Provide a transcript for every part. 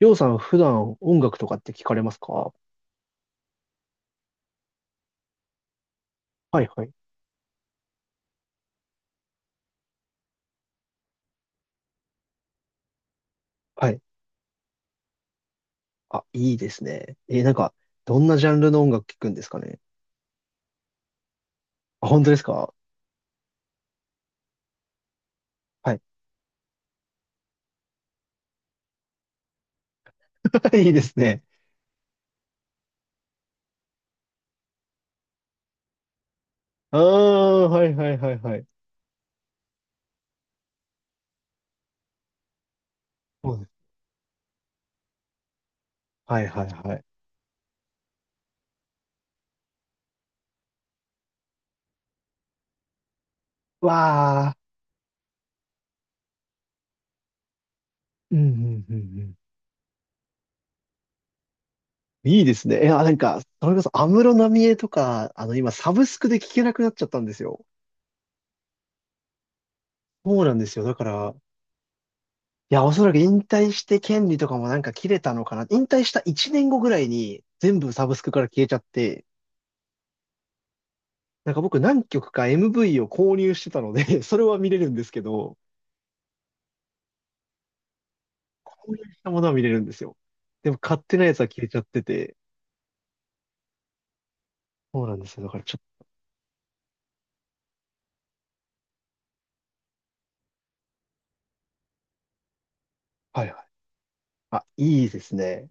りょうさん、普段音楽とかって聞かれますか？はいはい。はい。あ、いいですね。なんか、どんなジャンルの音楽聞くんですかね？あ、本当ですか？はい。いいですね。ああ、はいはいはいはい。そうです。はいはいはい。わあ、うんうんうんうん。いいですね。え、あ、なんか、それこそ安室奈美恵とか、あの、今、サブスクで聞けなくなっちゃったんですよ。そうなんですよ。だから、いや、おそらく引退して権利とかもなんか切れたのかな。引退した1年後ぐらいに全部サブスクから消えちゃって、なんか僕何曲か MV を購入してたので それは見れるんですけど、購入したものは見れるんですよ。でも買ってないやつは消えちゃってて、そうなんですよ。だからちょっと、はいはい。あ、いいですね。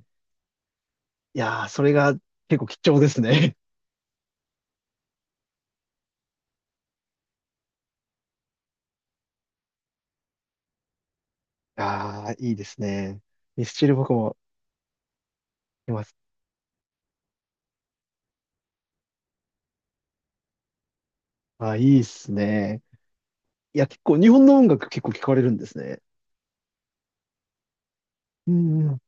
いやー、それが結構貴重ですね。あー、いいですね。ミスチル僕も聞ます。あ、いいっすね。いや、結構日本の音楽結構聞かれるんですね。うんうん。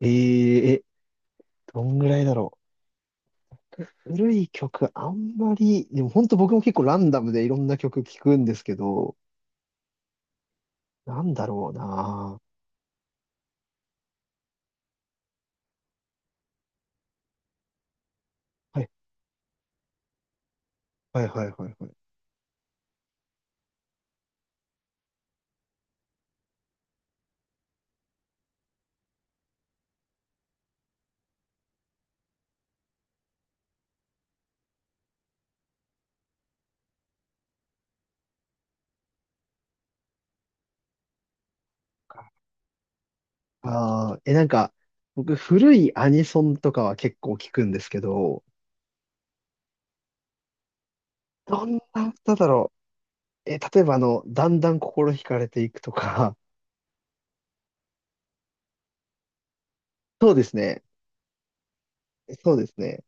えー、え、どんぐらいだろう。古い曲、あんまり、でも本当僕も結構ランダムでいろんな曲聞くんですけど、なんだろうな。はい、はい、はい、はい、はい。ああ、なんか、僕、古いアニソンとかは結構聞くんですけど、どんな歌だろう。例えば、だんだん心惹かれていくとか、そうですね。そうですね。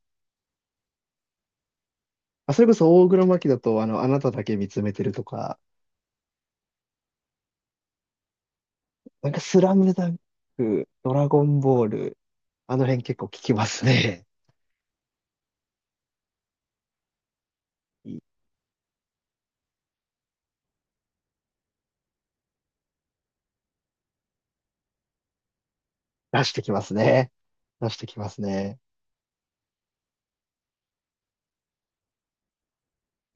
あ、それこそ、大黒摩季だと、あなただけ見つめてるとか、なんか、スラムダンク、ドラゴンボール、あの辺結構聞きますね。い出してきますね。出してきますね。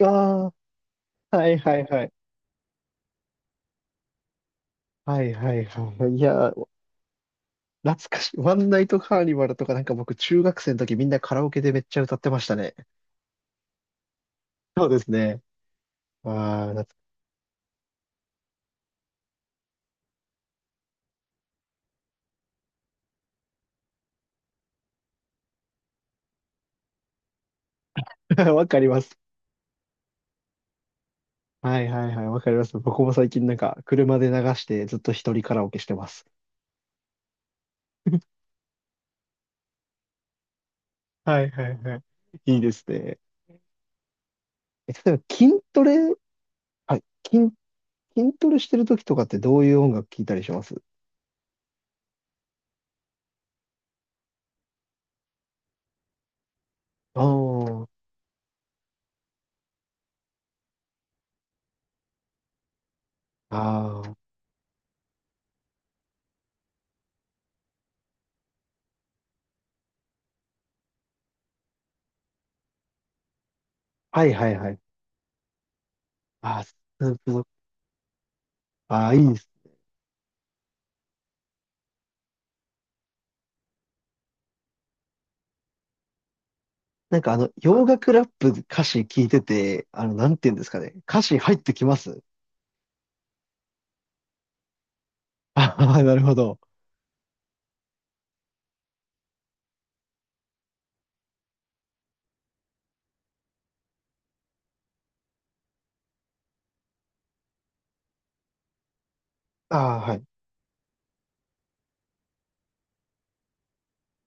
ああ、はいはいはい。はいはいはい。いや、懐かしい。ワンナイトカーニバルとかなんか僕中学生の時みんなカラオケでめっちゃ歌ってましたね。そうですね。ああ、わかります。はいはいはい、わかります。僕も最近なんか車で流してずっと一人カラオケしてます。はいはいはい。いいですね。例えば筋トレ、はい、筋、筋トレしてる時とかってどういう音楽聴いたりします？ああー、ああ、はいはいはい。ああ、スープの、ああ、いいです。なんか洋楽ラップ歌詞聞いてて、なんて言うんですかね。歌詞入ってきます？あ あー、なるほど。ああ、はい。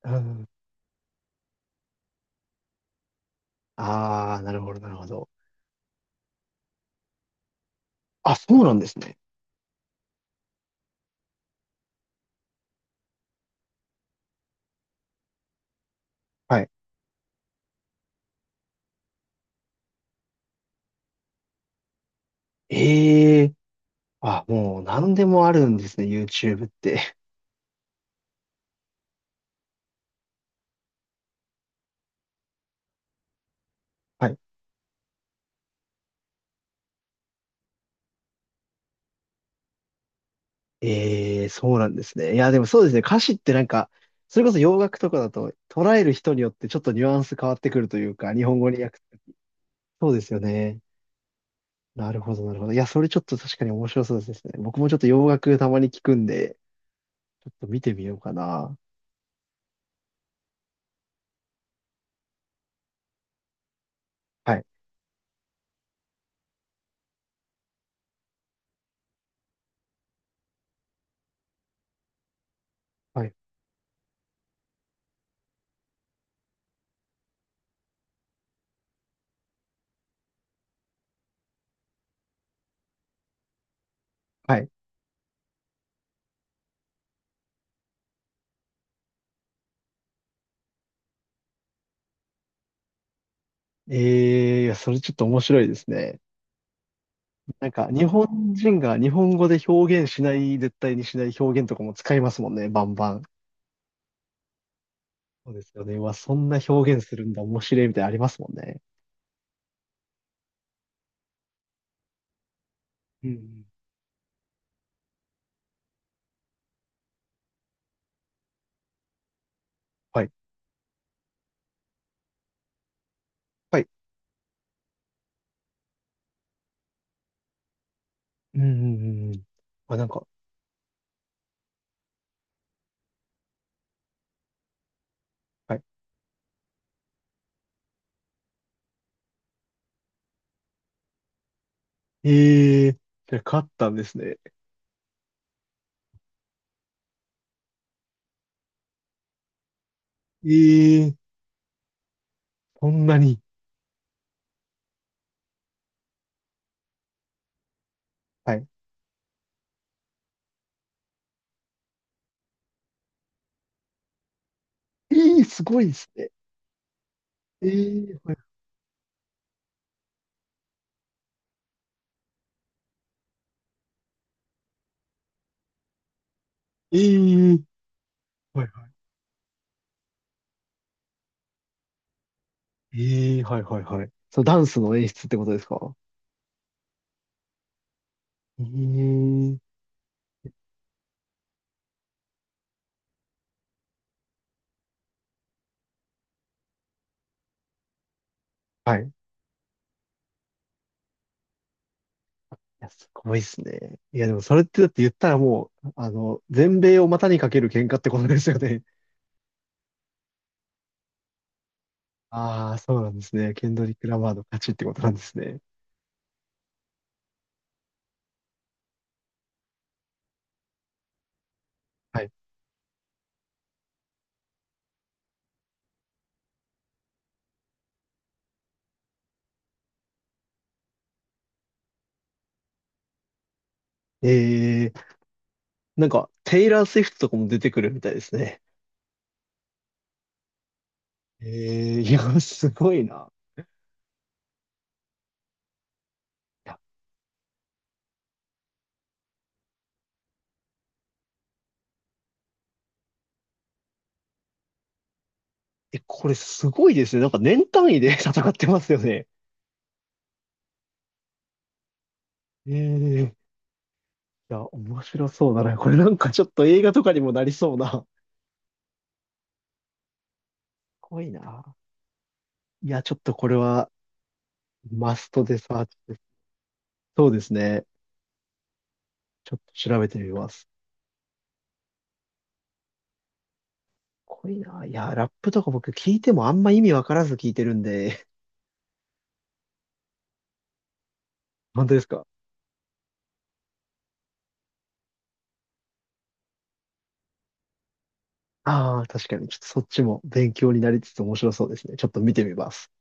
うん。ああ、なるほど、なるほど。あ、そうなんですね。はい。ええ。あ、もう何でもあるんですね、YouTube って。はい。ええ、そうなんですね。いや、でもそうですね。歌詞ってなんか、それこそ洋楽とかだと捉える人によってちょっとニュアンス変わってくるというか、日本語に訳す。そうですよね。なるほど、なるほど。いや、それちょっと確かに面白そうですね。僕もちょっと洋楽たまに聞くんで、ちょっと見てみようかな。はい、はい、はい。いや、それちょっと面白いですね。なんか、日本人が日本語で表現しない、絶対にしない表現とかも使いますもんね、バンバン。そうですよね。うわ、そんな表現するんだ、面白いみたいなのありますもんね。うんうん。はい、はい。うんうんうんうん。あ、なんか、はい。えー、じゃあ勝ったんですね。えー、そんなに。はい。えー、すごいですね。ええ、はい。ええ、はいはい。ええ、はいはいはい。そのダンスの演出ってことですか？ええ、はい。いや、すごいですね。いや、でもそれってだって言ったらもう、全米を股にかける喧嘩ってことですよね。ああ、そうなんですね。ケンドリック・ラマーの勝ちってことなんですね。はい。ええ、なんか、テイラー・スウィフトとかも出てくるみたいですね。ええ、いや、すごいな。いや、これすごいですね。なんか年単位で 戦ってますよね。ええ、いや、面白そうだな。これなんかちょっと映画とかにもなりそうな。怖いな。いや、ちょっとこれはマストでサーチです。そうですね。ちょっと調べてみます。怖いな。いや、ラップとか僕聞いてもあんま意味わからず聞いてるんで。本当ですか？ああー、確かに。ちょっとそっちも勉強になりつつ面白そうですね。ちょっと見てみます。